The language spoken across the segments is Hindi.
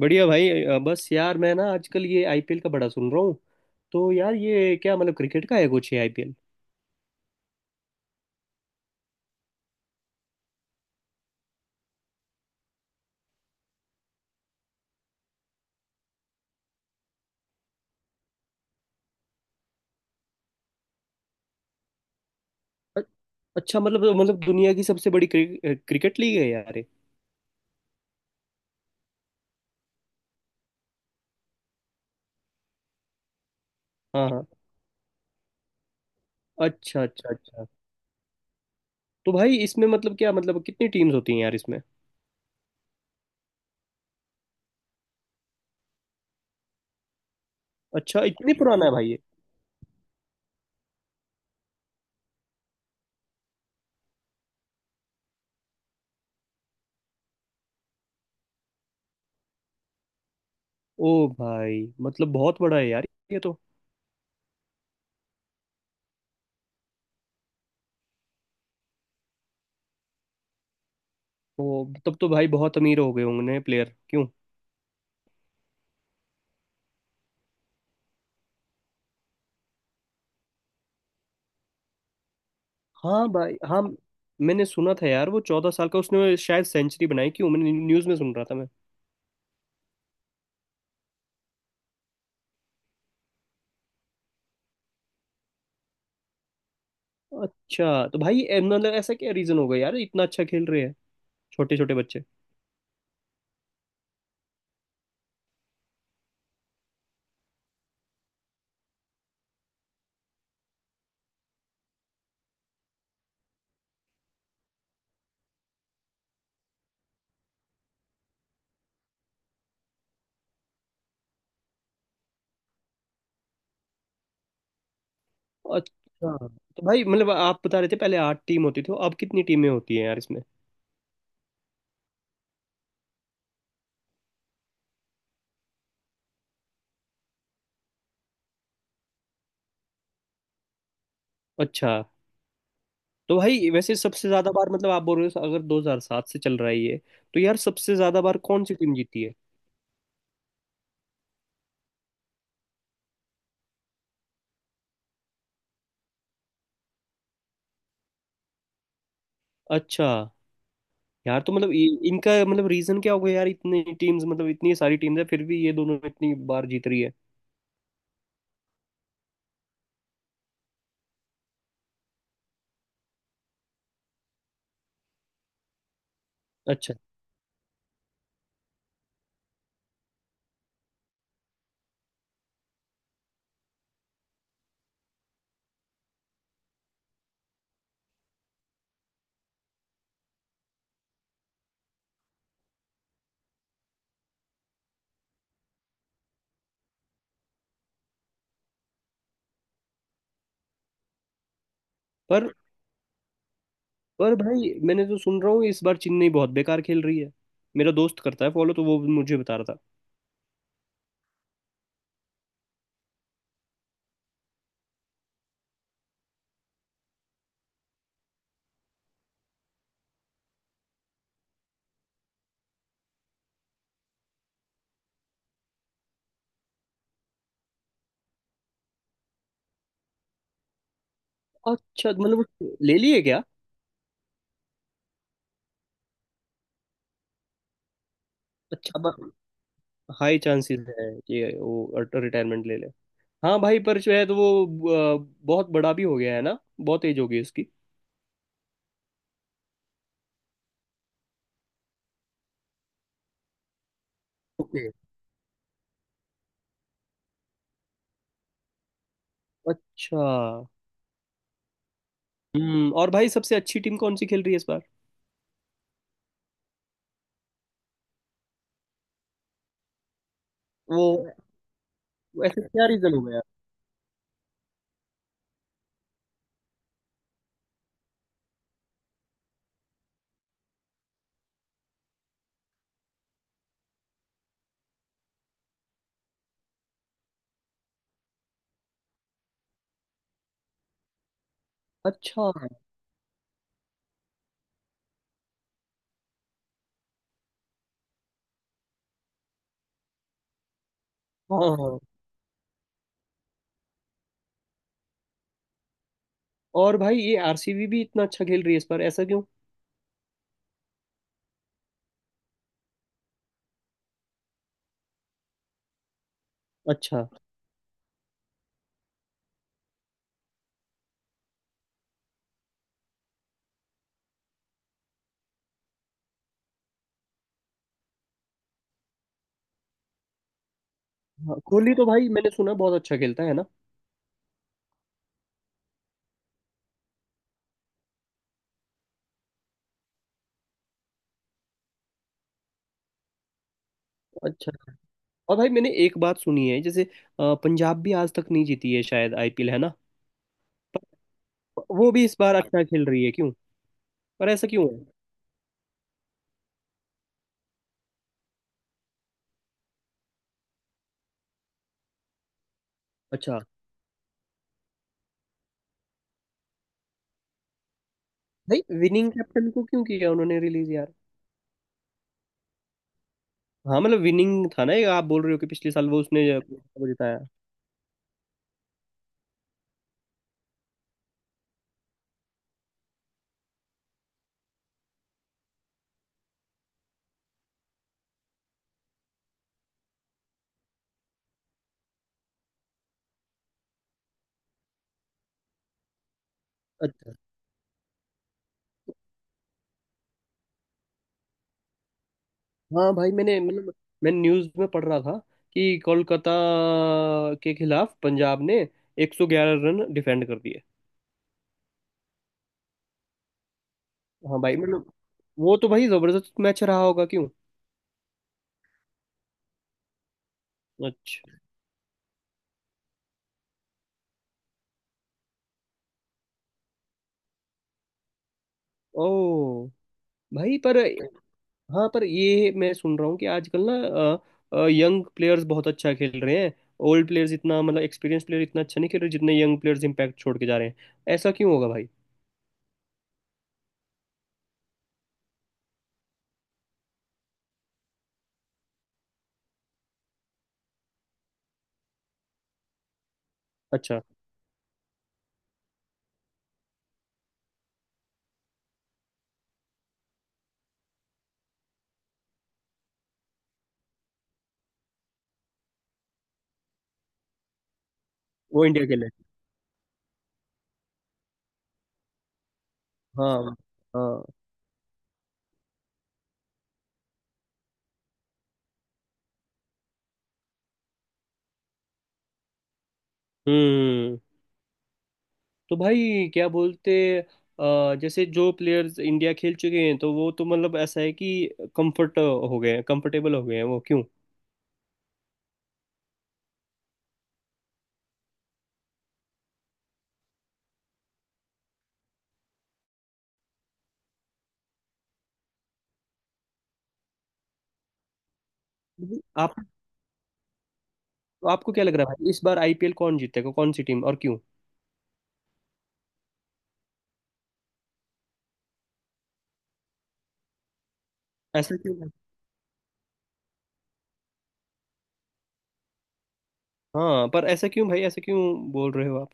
बढ़िया भाई बस यार मैं ना आजकल ये आईपीएल का बड़ा सुन रहा हूँ। तो यार ये क्या मतलब क्रिकेट का है कुछ ये आईपीएल। अच्छा मतलब दुनिया की सबसे बड़ी क्रिकेट लीग है यार ये। हाँ हाँ। अच्छा अच्छा अच्छा। तो भाई इसमें मतलब क्या मतलब कितनी टीम्स होती हैं यार इसमें। अच्छा इतनी पुराना है भाई ये। ओ भाई मतलब बहुत बड़ा है यार ये तो। ओ तब तो भाई बहुत अमीर हो गए होंगे प्लेयर क्यों। हाँ भाई हाँ। मैंने सुना था यार वो 14 साल का उसने शायद सेंचुरी बनाई क्यों मैंने न्यूज़ में सुन रहा था। अच्छा तो भाई मतलब ऐसा क्या रीजन होगा यार इतना अच्छा खेल रहे हैं छोटे छोटे बच्चे। अच्छा तो भाई मतलब आप बता रहे थे पहले 8 टीम होती थी अब कितनी टीमें होती हैं यार इसमें। अच्छा तो भाई वैसे सबसे ज्यादा बार मतलब आप बोल रहे हो अगर 2007 से चल रहा है ये तो यार सबसे ज्यादा बार कौन सी टीम जीती है। अच्छा। यार तो मतलब इनका मतलब रीजन क्या होगा यार इतनी टीम्स मतलब इतनी सारी टीम्स है फिर भी ये दोनों इतनी बार जीत रही है। अच्छा। पर पर भाई मैंने तो सुन रहा हूँ इस बार चेन्नई बहुत बेकार खेल रही है। मेरा दोस्त करता है फॉलो तो वो मुझे बता रहा था। अच्छा मतलब वो ले लिए क्या। अच्छा अब हाई चांसेस है कि वो रिटायरमेंट ले ले। हाँ भाई पर जो है तो वो बहुत बड़ा भी हो गया है ना बहुत एज हो गई उसकी। ओके। अच्छा। हम्म। और भाई सबसे अच्छी टीम कौन सी खेल रही है इस बार। वो ऐसे क्या रीजन हो गया। अच्छा। हाँ हाँ। और भाई ये आरसीबी भी इतना अच्छा खेल रही है इस बार ऐसा क्यों। अच्छा। हाँ कोहली तो भाई मैंने सुना बहुत अच्छा खेलता है ना। अच्छा। और भाई मैंने एक बात सुनी है जैसे पंजाब भी आज तक नहीं जीती है शायद आईपीएल है ना। वो भी इस बार अच्छा खेल रही है क्यों। पर ऐसा क्यों है। अच्छा। भाई विनिंग कैप्टन को क्यों किया उन्होंने रिलीज यार। हाँ मतलब विनिंग था ना ये आप बोल रहे हो कि पिछले साल वो उसने वो जिताया। अच्छा। हाँ भाई मैंने मतलब मैं न्यूज़ में पढ़ रहा था कि कोलकाता के खिलाफ पंजाब ने 111 रन डिफेंड कर दिए। हाँ भाई मतलब वो तो भाई जबरदस्त मैच रहा होगा क्यों। अच्छा। ओ। भाई पर। हाँ पर ये मैं सुन रहा हूँ कि आजकल ना यंग प्लेयर्स बहुत अच्छा खेल रहे हैं। ओल्ड प्लेयर्स इतना मतलब एक्सपीरियंस प्लेयर इतना अच्छा नहीं खेल रहे जितने यंग प्लेयर्स इम्पैक्ट छोड़ के जा रहे हैं। ऐसा क्यों होगा भाई। अच्छा। वो इंडिया के लिए। हाँ। हाँ। हम्म। तो भाई क्या बोलते जैसे जो प्लेयर्स इंडिया खेल चुके हैं तो वो तो मतलब ऐसा है कि कंफर्ट हो गए हैं कंफर्टेबल हो गए हैं वो क्यों। आप। आपको क्या लग रहा है भाई इस बार आईपीएल कौन जीतेगा कौन सी टीम और क्यों। ऐसा क्यों भाई? हाँ पर ऐसा क्यों भाई ऐसा क्यों बोल रहे हो आप।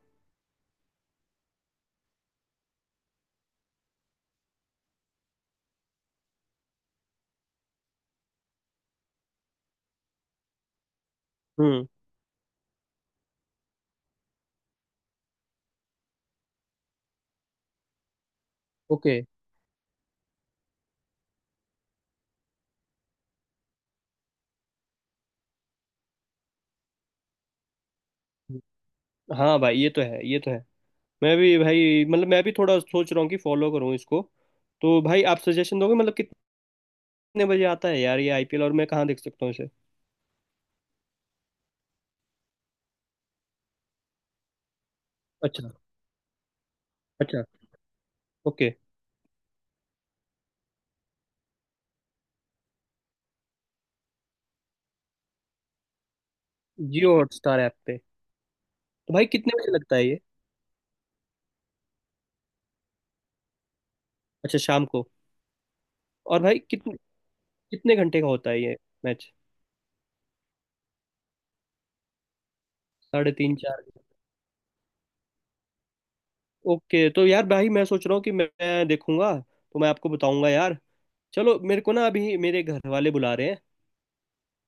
हम्म। ओके। हाँ भाई ये तो है ये तो है। मैं भी भाई मतलब मैं भी थोड़ा सोच रहा हूँ कि फॉलो करूँ इसको। तो भाई आप सजेशन दोगे मतलब कितने बजे आता है यार ये आईपीएल और मैं कहाँ देख सकता हूँ इसे। अच्छा। अच्छा। ओके। जियो हॉटस्टार ऐप पे। तो भाई कितने बजे लगता है ये। अच्छा शाम को। और भाई कितने कितने घंटे का होता है ये मैच। साढ़े तीन चार। ओके तो यार भाई मैं सोच रहा हूँ कि मैं देखूंगा तो मैं आपको बताऊंगा यार। चलो मेरे को ना अभी मेरे घर वाले बुला रहे हैं।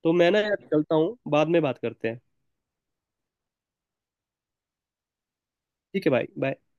तो मैं ना यार चलता हूँ बाद में बात करते हैं। ठीक है भाई बाय।